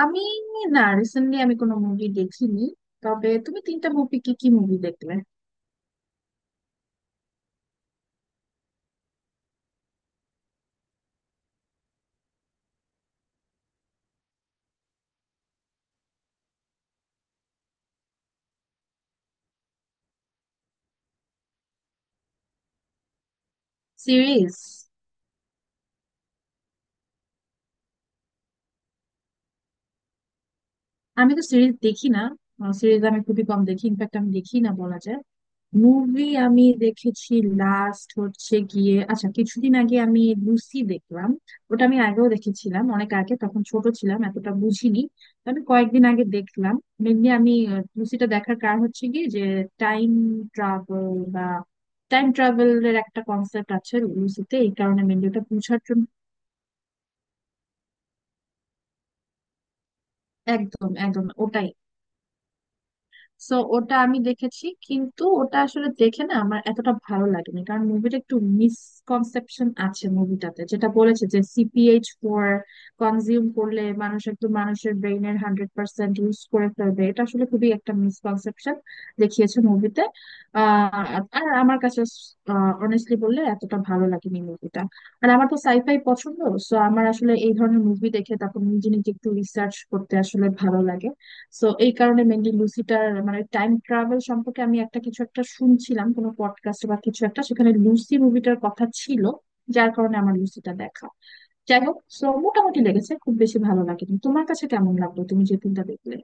আমি, রিসেন্টলি আমি কোনো মুভি দেখিনি। তবে তুমি তিনটা মুভি, কি কি মুভি দেখলে? সিরিজ? আমি তো সিরিজ দেখি না। সিরিজ আমি খুবই কম দেখি, ইনফ্যাক্ট আমি দেখি না বলা যায়। মুভি আমি দেখেছি। লাস্ট হচ্ছে গিয়ে, আচ্ছা কিছুদিন আগে আমি লুসি দেখলাম। ওটা আমি আগেও দেখেছিলাম, অনেক আগে, তখন ছোট ছিলাম, এতটা বুঝিনি। তো আমি কয়েকদিন আগে দেখলাম। মেনলি আমি লুসিটা দেখার কারণ হচ্ছে গিয়ে যে টাইম ট্রাভেল বা টাইম ট্রাভেলের একটা কনসেপ্ট আছে লুসিতে, এই কারণে মেনলি ওটা বুঝার জন্য। একদম একদম ওটাই। সো ওটা আমি দেখেছি, কিন্তু ওটা আসলে দেখে না আমার এতটা ভালো লাগেনি, কারণ মুভিটা একটু মিসকনসেপশন আছে মুভিটাতে। যেটা বলেছে যে CPH4 কনজিউম করলে মানুষ একটু, মানুষের ব্রেইনের 100% ইউজ করে ফেলবে, এটা আসলে খুবই একটা মিসকনসেপশন দেখিয়েছে মুভিতে। আর আমার কাছে অনেস্টলি বললে এতটা ভালো লাগেনি মুভিটা। আর আমার তো সাইফাই পছন্দ, সো আমার আসলে এই ধরনের মুভি দেখে তারপর নিজে নিজে একটু রিসার্চ করতে আসলে ভালো লাগে। সো এই কারণে মেনলি লুসিটার মানে টাইম ট্রাভেল সম্পর্কে আমি একটা, কিছু একটা শুনছিলাম কোনো পডকাস্ট বা কিছু একটা, সেখানে লুসি মুভিটার কথা ছিল, যার কারণে আমার লুসিটা দেখা। যাই হোক, সো মোটামুটি লেগেছে, খুব বেশি ভালো লাগেনি। তোমার কাছে কেমন লাগলো তুমি যে ফিল্মটা দেখলে?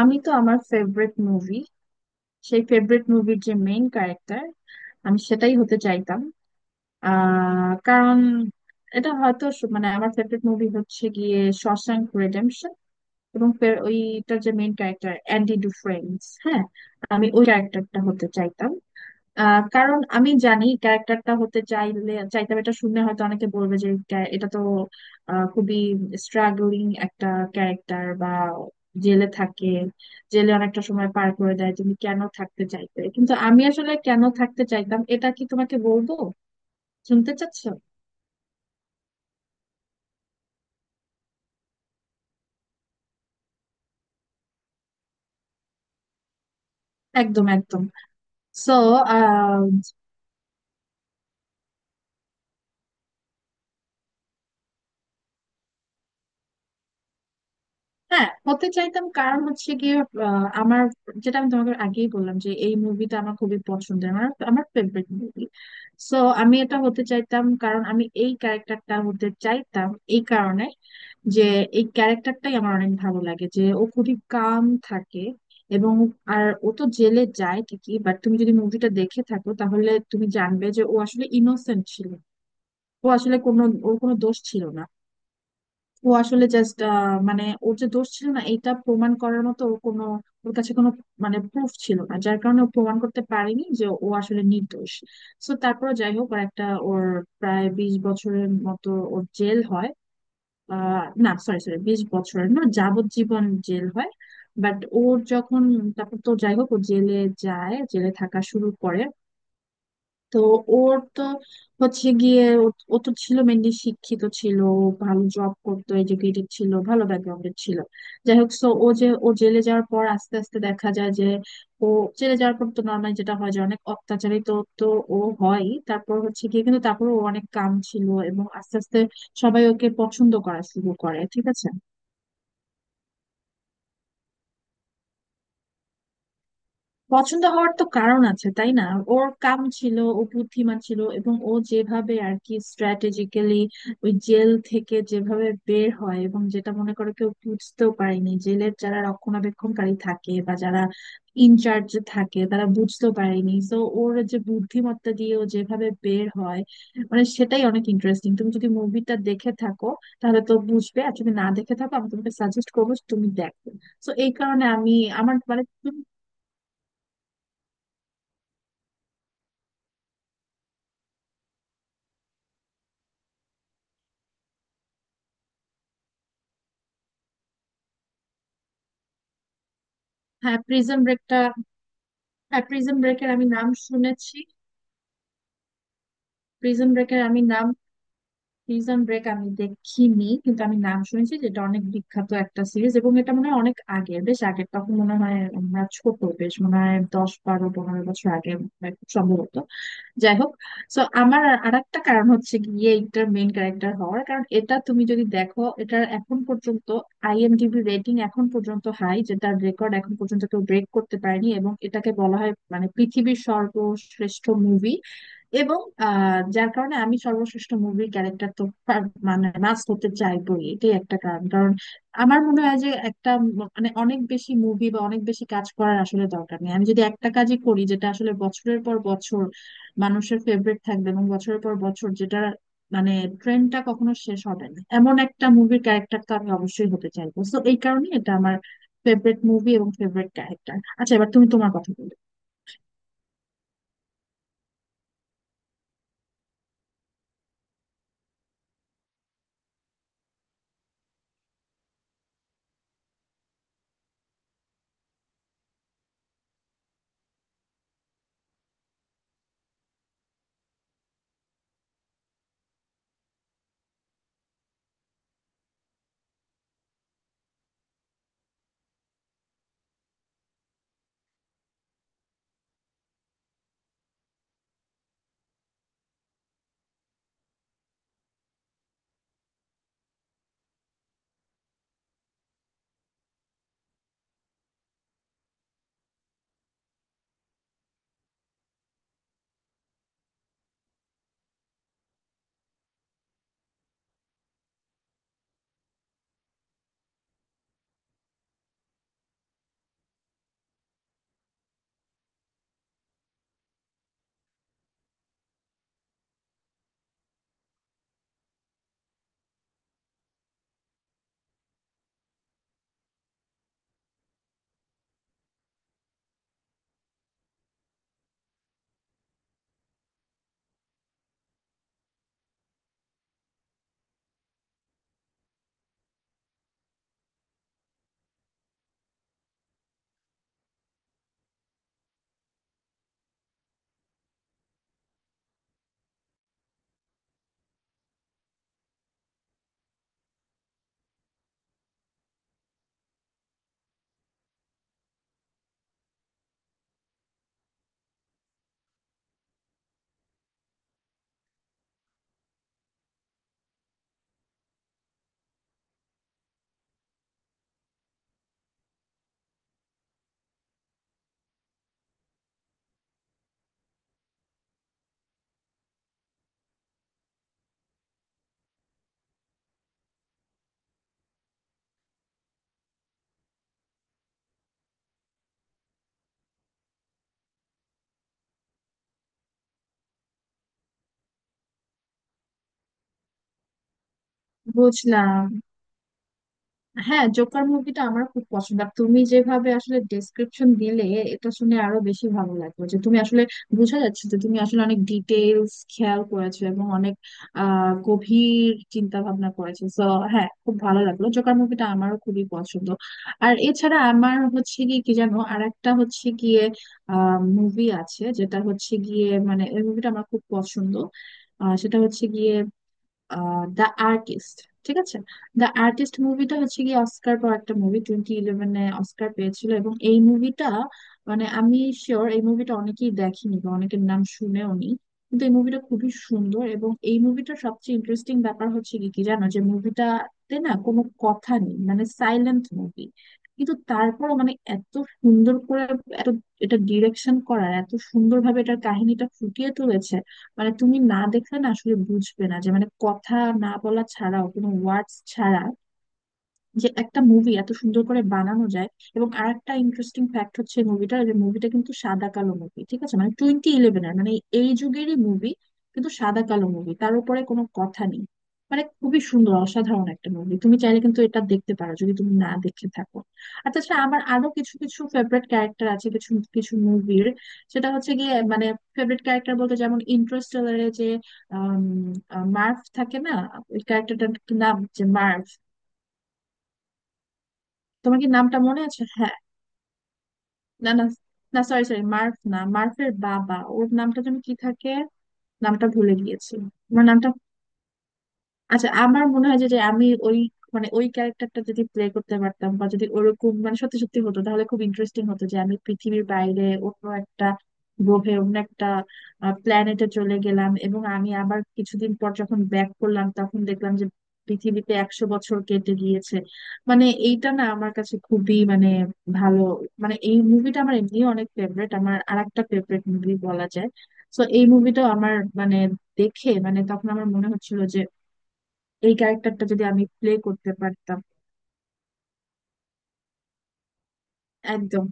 আমি তো আমার ফেভারিট মুভি, সেই ফেভারিট মুভির যে মেইন ক্যারেক্টার আমি সেটাই হতে চাইতাম। কারণ এটা হয়তো মানে আমার ফেভারিট মুভি হচ্ছে গিয়ে শশাঙ্ক রিডেম্পশন, এবং ফের ওইটার যে মেইন ক্যারেক্টার অ্যান্ডি ডুফ্রেন্স, হ্যাঁ আমি ওই ক্যারেক্টারটা হতে চাইতাম। কারণ আমি জানি ক্যারেক্টারটা হতে চাইলে চাইতাম এটা শুনে হয়তো অনেকে বলবে যে এটা তো খুবই স্ট্রাগলিং একটা ক্যারেক্টার, বা জেলে থাকে, জেলে অনেকটা সময় পার করে দেয়, তুমি কেন থাকতে চাইতে? কিন্তু আমি আসলে কেন থাকতে চাইতাম এটা কি তোমাকে বলবো, শুনতে চাচ্ছো? একদম একদম। সো হ্যাঁ, হতে চাইতাম কারণ হচ্ছে গিয়ে আমার, যেটা আমি তোমাকে আগেই বললাম যে এই মুভিটা আমার খুবই পছন্দের, আমার, আমার ফেভারিট মুভি। সো আমি এটা হতে চাইতাম কারণ আমি এই ক্যারেক্টারটা হতে চাইতাম। এই কারণে যে এই ক্যারেক্টারটাই আমার অনেক ভালো লাগে। যে ও খুবই কাম থাকে। এবং আর ও তো জেলে যায় ঠিকই, বাট তুমি যদি মুভিটা দেখে থাকো তাহলে তুমি জানবে যে ও আসলে ইনোসেন্ট ছিল। ও আসলে কোনো, ওর কোনো দোষ ছিল না। ও আসলে জাস্ট মানে ওর যে দোষ ছিল না এটা প্রমাণ করার মতো ওর কোনো, ওর কাছে কোনো মানে প্রুফ ছিল না, যার কারণে ও প্রমাণ করতে পারেনি যে ও আসলে নির্দোষ। তো তারপর যাই হোক, ওর একটা, ওর প্রায় 20 বছরের মতো ওর জেল হয়, না সরি সরি, 20 বছরের না, যাবজ্জীবন জেল হয়। বাট ওর যখন, তারপর তো যাই হোক ও জেলে যায়, জেলে থাকা শুরু করে। তো ওর তো হচ্ছে গিয়ে ও, ও তো ছিল মেনলি শিক্ষিত ছিল, ও ভালো জব করতো, এডুকেটেড ছিল, ভালো ব্যাকগ্রাউন্ডের ছিল। যাই হোক, সো ও যে ও জেলে যাওয়ার পর আস্তে আস্তে দেখা যায় যে ও জেলে যাওয়ার পর তো নর্মালি যেটা হয় যে অনেক অত্যাচারিত তো ও হয়, তারপর হচ্ছে গিয়ে, কিন্তু তারপর ও অনেক কাম ছিল এবং আস্তে আস্তে সবাই ওকে পছন্দ করা শুরু করে, ঠিক আছে। পছন্দ হওয়ার তো কারণ আছে তাই না? ওর কাম ছিল, ও বুদ্ধিমান ছিল, এবং ও যেভাবে আর কি স্ট্র্যাটেজিক্যালি ওই জেল থেকে যেভাবে বের হয়, এবং যেটা মনে করে কেউ বুঝতেও পারেনি, জেলের যারা রক্ষণাবেক্ষণকারী থাকে বা যারা ইনচার্জ থাকে তারা বুঝতেও পারেনি, তো ওর যে বুদ্ধিমত্তা দিয়ে ও যেভাবে বের হয়, মানে সেটাই অনেক ইন্টারেস্টিং। তুমি যদি মুভিটা দেখে থাকো তাহলে তো বুঝবে, আর যদি না দেখে থাকো আমি তোমাকে সাজেস্ট করবো যে তুমি দেখো। তো এই কারণে আমি। আমার মানে তুমি। হ্যাঁ প্রিজন ব্রেকটা। হ্যাঁ প্রিজন ব্রেকের আমি নাম শুনেছি। প্রিজন ব্রেকের আমি নাম প্রিজন ব্রেক আমি দেখিনি, কিন্তু আমি নাম শুনেছি, যেটা অনেক বিখ্যাত একটা সিরিজ, এবং এটা মনে হয় অনেক আগের, বেশ আগের, তখন মনে হয় আমরা ছোট, বেশ মনে হয় 10 12 15 বছর আগে হয় খুব সম্ভবত। যাই হোক, সো আমার আর একটা কারণ হচ্ছে গিয়ে এটার মেইন ক্যারেক্টার হওয়ার কারণ, এটা তুমি যদি দেখো এটার এখন পর্যন্ত IMDb রেটিং এখন পর্যন্ত হাই, যেটার রেকর্ড এখন পর্যন্ত কেউ ব্রেক করতে পারেনি, এবং এটাকে বলা হয় মানে পৃথিবীর সর্বশ্রেষ্ঠ মুভি। এবং যার কারণে আমি সর্বশ্রেষ্ঠ মুভির ক্যারেক্টার তো মানে নাচ করতে চাইবই, এটাই একটা কারণ। কারণ আমার মনে হয় যে একটা মানে অনেক বেশি মুভি বা অনেক বেশি কাজ করার আসলে দরকার নেই। আমি যদি একটা কাজই করি যেটা আসলে বছরের পর বছর মানুষের ফেভারিট থাকবে, এবং বছরের পর বছর যেটা মানে ট্রেন্ডটা কখনো শেষ হবে না, এমন একটা মুভির ক্যারেক্টার তো আমি অবশ্যই হতে চাইবো। তো এই কারণে এটা আমার ফেভারিট মুভি এবং ফেভারিট ক্যারেক্টার। আচ্ছা এবার তুমি তোমার কথা বলো। বুঝলাম। হ্যাঁ, জোকার মুভিটা আমার খুব পছন্দ, আর তুমি যেভাবে আসলে ডেসক্রিপশন দিলে এটা শুনে আরো বেশি ভালো লাগলো, যে তুমি আসলে, বোঝা যাচ্ছে যে তুমি আসলে অনেক ডিটেলস খেয়াল করেছো এবং অনেক গভীর চিন্তা ভাবনা করেছো। তো হ্যাঁ, খুব ভালো লাগলো। জোকার মুভিটা আমারও খুবই পছন্দ। আর এছাড়া আমার হচ্ছে গিয়ে কি জানো, আর একটা হচ্ছে গিয়ে মুভি আছে, যেটা হচ্ছে গিয়ে মানে এই মুভিটা আমার খুব পছন্দ। সেটা হচ্ছে গিয়ে দ্য আর্টিস্ট, ঠিক আছে? দ্য আর্টিস্ট মুভিটা হচ্ছে কি অস্কার পাওয়া একটা মুভি, 2011-তে অস্কার পেয়েছিল, এবং এই মুভিটা মানে আমি শিওর এই মুভিটা অনেকেই দেখেনি বা অনেকের নাম শুনেও নি। কিন্তু এই মুভিটা খুবই সুন্দর, এবং এই মুভিটার সবচেয়ে ইন্টারেস্টিং ব্যাপার হচ্ছে কি কি জানো, যে মুভিটাতে না কোনো কথা নেই, মানে সাইলেন্ট মুভি। কিন্তু তারপরও মানে এত সুন্দর করে, এত, এটা ডিরেকশন করার এত সুন্দরভাবে এটার কাহিনীটা ফুটিয়ে তুলেছে, মানে তুমি না দেখলে না আসলে বুঝবে না যে মানে কথা না বলা ছাড়াও, কোনো ওয়ার্ডস ছাড়া যে একটা মুভি এত সুন্দর করে বানানো যায়। এবং আরেকটা ইন্টারেস্টিং ফ্যাক্ট হচ্ছে মুভিটা, যে মুভিটা কিন্তু সাদা কালো মুভি, ঠিক আছে? মানে 2011 এর মানে এই যুগেরই মুভি, কিন্তু সাদা কালো মুভি, তার উপরে কোনো কথা নেই। মানে খুবই সুন্দর অসাধারণ একটা মুভি, তুমি চাইলে কিন্তু এটা দেখতে পারো যদি তুমি না দেখে থাকো। আর তাছাড়া আমার আরো কিছু কিছু ফেভারিট ক্যারেক্টার আছে, কিছু কিছু মুভির। সেটা হচ্ছে গিয়ে মানে ফেভারিট ক্যারেক্টার বলতে যেমন ইন্টারস্টেলারে যে আম, মার্ভ থাকে না, ওই ক্যারেক্টারটার নাম যে মার্ভ, তোমার কি নামটা মনে আছে? হ্যাঁ না না, না সরি সরি, মার্ফ না, মার্ফের বাবা, ওর নামটা যেন কি থাকে, নামটা ভুলে গিয়েছি। তোমার নামটা? আচ্ছা আমার মনে হয় যে, আমি ওই মানে ওই ক্যারেক্টারটা যদি প্লে করতে পারতাম, বা যদি ওরকম মানে সত্যি সত্যি হতো তাহলে খুব ইন্টারেস্টিং হতো, যে আমি পৃথিবীর বাইরে অন্য একটা গ্রহে, অন্য একটা প্ল্যানেটে চলে গেলাম এবং আমি আবার কিছুদিন পর যখন ব্যাক করলাম তখন দেখলাম যে পৃথিবীতে 100 বছর কেটে গিয়েছে। মানে এইটা না আমার কাছে খুবই মানে ভালো, মানে এই মুভিটা আমার এমনিও অনেক ফেভারিট, আমার আরেকটা ফেভারিট মুভি বলা যায়। তো এই মুভিটাও আমার মানে দেখে মানে তখন আমার মনে হচ্ছিল এই ক্যারেক্টারটা যদি আমি প্লে করতে পারতাম। একদম।